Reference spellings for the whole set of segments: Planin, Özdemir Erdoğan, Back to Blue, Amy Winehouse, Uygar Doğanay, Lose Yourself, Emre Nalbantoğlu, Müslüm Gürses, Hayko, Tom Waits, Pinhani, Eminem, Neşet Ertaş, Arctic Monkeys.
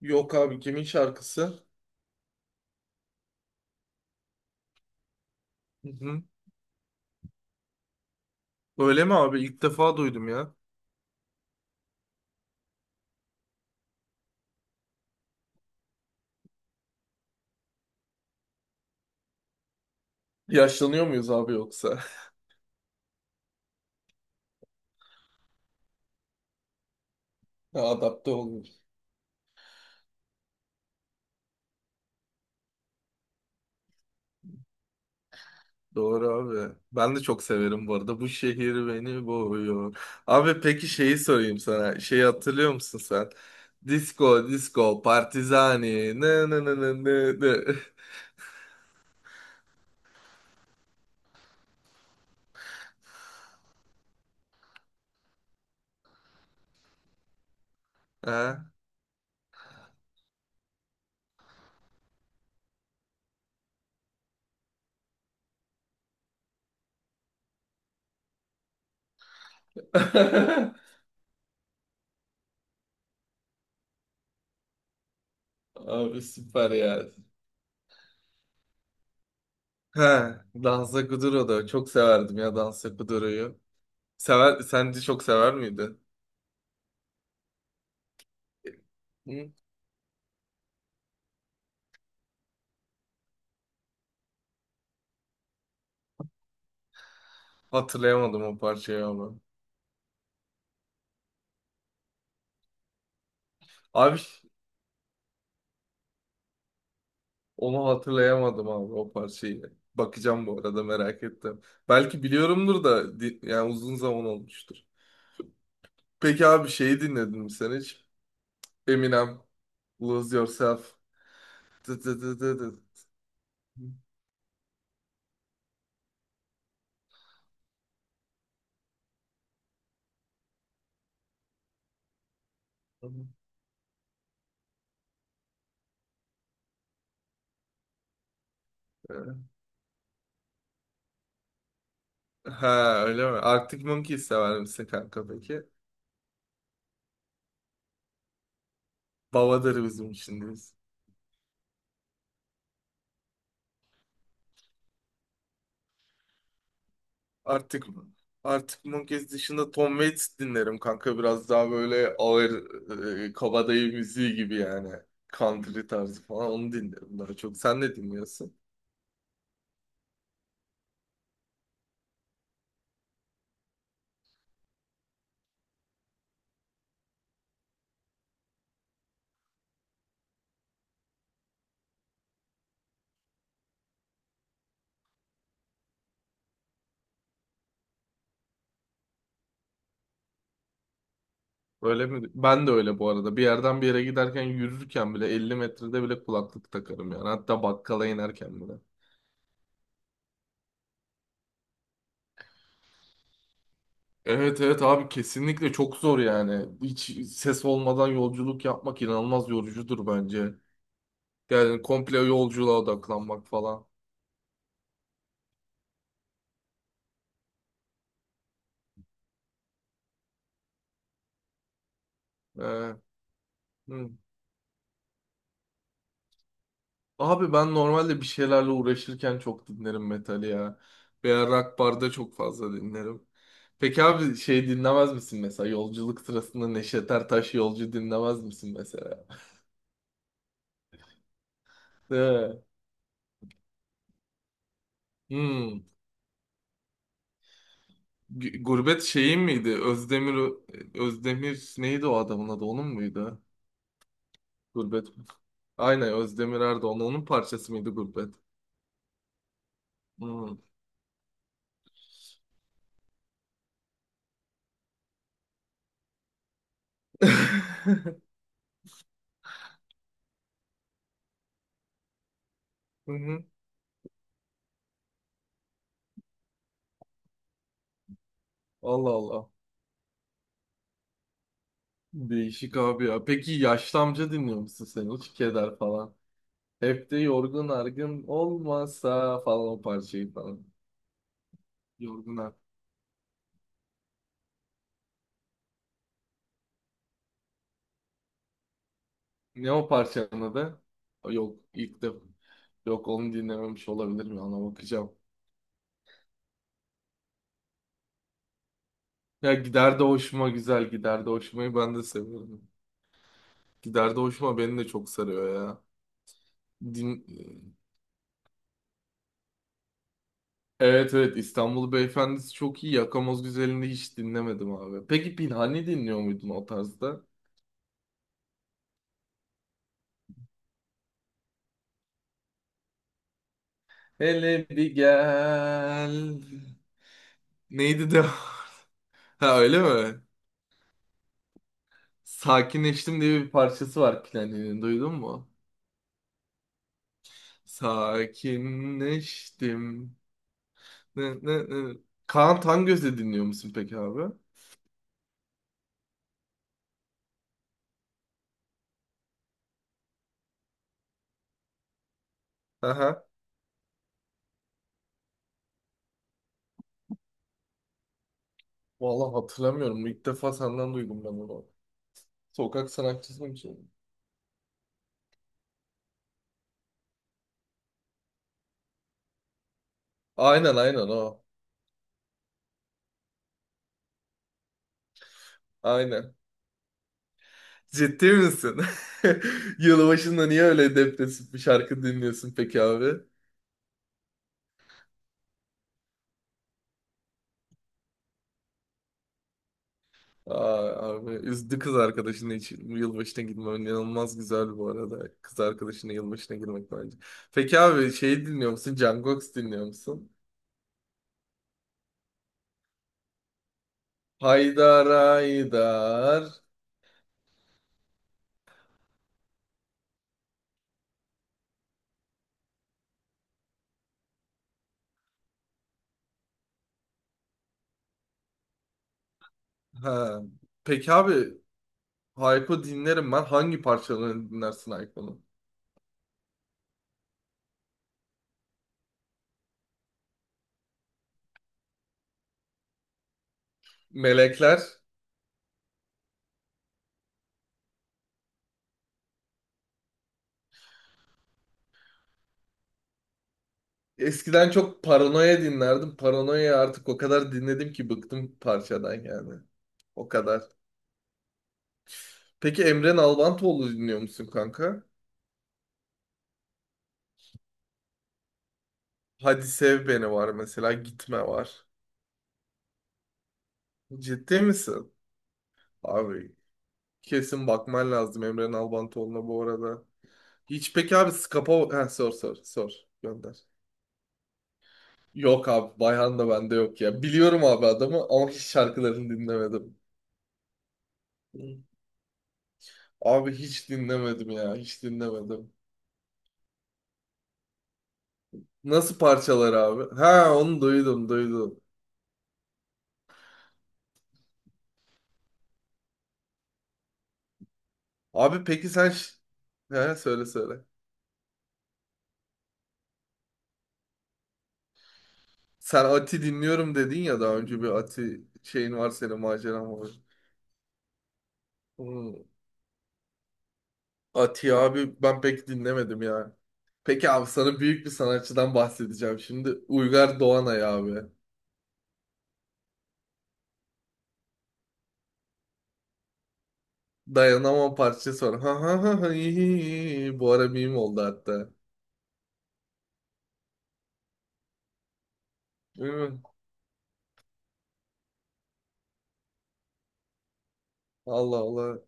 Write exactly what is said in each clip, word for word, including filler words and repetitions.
Yok abi, kimin şarkısı? Hı hı. Öyle mi abi? İlk defa duydum ya. Yaşlanıyor muyuz abi yoksa? Ha, adapte olmuş. Doğru abi. Ben de çok severim bu arada. Bu şehir beni boğuyor. Abi peki şeyi sorayım sana. Şeyi hatırlıyor musun sen? Disco, disco, partizani. Ne ne ne ne ne ne. Ha? Abi süper ya. Ha, Danza Kuduro da çok severdim ya, Danza Kuduro'yu. Sever, sen de çok sever miydin? Hı? Hatırlayamadım o parçayı ama. Abi, onu hatırlayamadım abi o parçayı. Bakacağım, bu arada merak ettim. Belki biliyorumdur da di- yani uzun zaman olmuştur. Peki abi şeyi dinledin mi sen hiç? Eminem, Lose Yourself. Tı tı tı tı tı. Ha öyle mi? Arctic Monkeys sever misin kanka peki? Babadır bizim için. Artık artık Monkeys dışında Tom Waits dinlerim kanka, biraz daha böyle ağır e, kabadayı müziği gibi yani, country tarzı falan, onu dinlerim daha çok. Sen ne dinliyorsun? Öyle mi? Ben de öyle bu arada. Bir yerden bir yere giderken, yürürken bile elli metrede bile kulaklık takarım yani. Hatta bakkala inerken bile. Evet evet abi, kesinlikle çok zor yani. Hiç ses olmadan yolculuk yapmak inanılmaz yorucudur bence. Yani komple yolculuğa odaklanmak falan. Ee, hı. Abi ben normalde bir şeylerle uğraşırken çok dinlerim metali ya. Veya rock barda çok fazla dinlerim. Peki abi şey dinlemez misin mesela? Yolculuk sırasında Neşet Ertaş yolcu dinlemez misin mesela? Değil mi? Hmm. G- Gurbet şeyi miydi? Özdemir Özdemir neydi o adamın adı? Onun muydu? Gurbet. Aynen, Özdemir Erdoğan. Onun parçası mıydı Gurbet? Hmm. Hı hı. Allah Allah. Değişik abi ya. Peki yaşlı amca dinliyor musun sen? Uç keder falan. Hep de yorgun argın olmasa falan o parçayı falan. Yorgun argın. Ne o parçanın adı? Yok ilk de yok onu dinlememiş olabilirim ya, ona bakacağım. Ya, gider de hoşuma, güzel, gider de hoşumayı ben de seviyorum. Gider de hoşuma beni de çok sarıyor ya. Din... e, Evet evet, İstanbul Beyefendisi çok iyi. Yakamoz Güzeli'ni hiç dinlemedim abi. Peki Pinhani dinliyor muydun o tarzda? Hele bir gel. Neydi de? Ha öyle mi? Sakinleştim diye bir parçası var Planin'in, duydun mu? Sakinleştim. Ne, ne, ne. Kaan Tangöz'ü dinliyor musun peki abi? Aha. Vallahi hatırlamıyorum. İlk defa senden duydum ben onu. Sokak sanatçısı mı şimdi? Aynen aynen o. Aynen. Ciddi misin? Yılbaşında niye öyle depresif bir şarkı dinliyorsun peki abi? Aa, abi üzdü kız arkadaşının, hiç yılbaşına gitmem. İnanılmaz güzel bu arada. Kız arkadaşının yılbaşına girmek bence. Peki abi şeyi dinliyor musun? Jungkook dinliyor musun? Haydar Haydar. Ha. Peki abi, Hayko dinlerim ben. Hangi parçalarını dinlersin Hayko'nun? Melekler. Eskiden çok Paranoya dinlerdim. Paranoya artık o kadar dinledim ki bıktım parçadan yani. O kadar. Peki Emre Nalbantoğlu dinliyor musun kanka? Hadi Sev Beni var mesela, Gitme var. Ciddi misin? Abi kesin bakman lazım Emre Nalbantoğlu'na bu arada. Hiç peki abi Skapa... Ha, sor sor sor, gönder. Yok abi, Bayhan da bende yok ya. Biliyorum abi adamı ama hiç şarkılarını dinlemedim. Hı. Abi hiç dinlemedim ya, hiç dinlemedim. Nasıl parçalar abi? Ha, onu duydum duydum. Abi peki sen... ş- Ha, söyle söyle. Sen Ati dinliyorum dedin ya daha önce, bir Ati şeyin var, senin maceran var. Hmm, Atiye abi ben pek dinlemedim ya. Peki abi sana büyük bir sanatçıdan bahsedeceğim. Şimdi Uygar Doğanay abi. Dayanamam parçası var. Ha ha ha ha, hi, hi, hi. Bu ara meme oldu hatta. Hı, Allah Allah.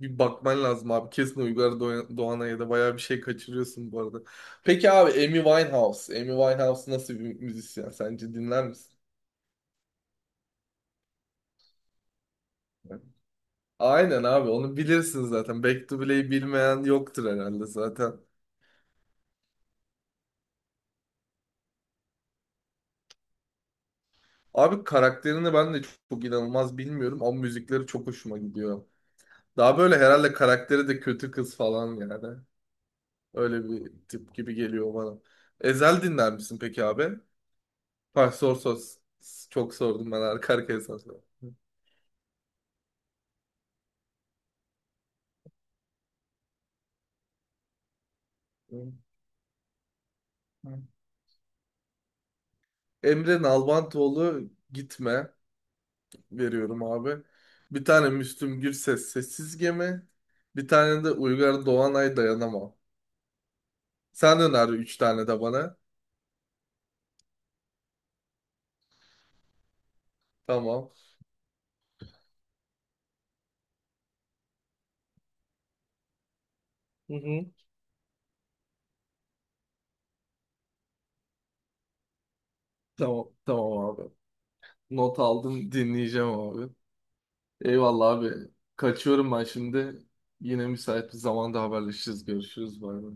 Bir bakman lazım abi. Kesin Uygar Doğan- Doğanay'a da bayağı bir şey kaçırıyorsun bu arada. Peki abi Amy Winehouse. Amy Winehouse nasıl bir müzisyen? Sence dinler misin? Aynen abi, onu bilirsin zaten. Back to Blue'yi bilmeyen yoktur herhalde zaten. Abi karakterini ben de çok, çok inanılmaz bilmiyorum ama müzikleri çok hoşuma gidiyor. Daha böyle herhalde karakteri de kötü kız falan yani. Öyle bir tip gibi geliyor bana. Ezel dinler misin peki abi? Bak, sor sor. S- Çok sordum ben, arka arkaya sordum. Emre Nalbantoğlu Gitme veriyorum abi. Bir tane Müslüm Gürses Sessiz Gemi. Bir tane de Uygar Doğanay Dayanamam. Sen öner üç tane de bana. Tamam. Hı hı. Tamam, tamam abi. Not aldım, dinleyeceğim abi. Eyvallah abi. Kaçıyorum ben şimdi. Yine müsait bir zamanda haberleşiriz, görüşürüz. Bay bay.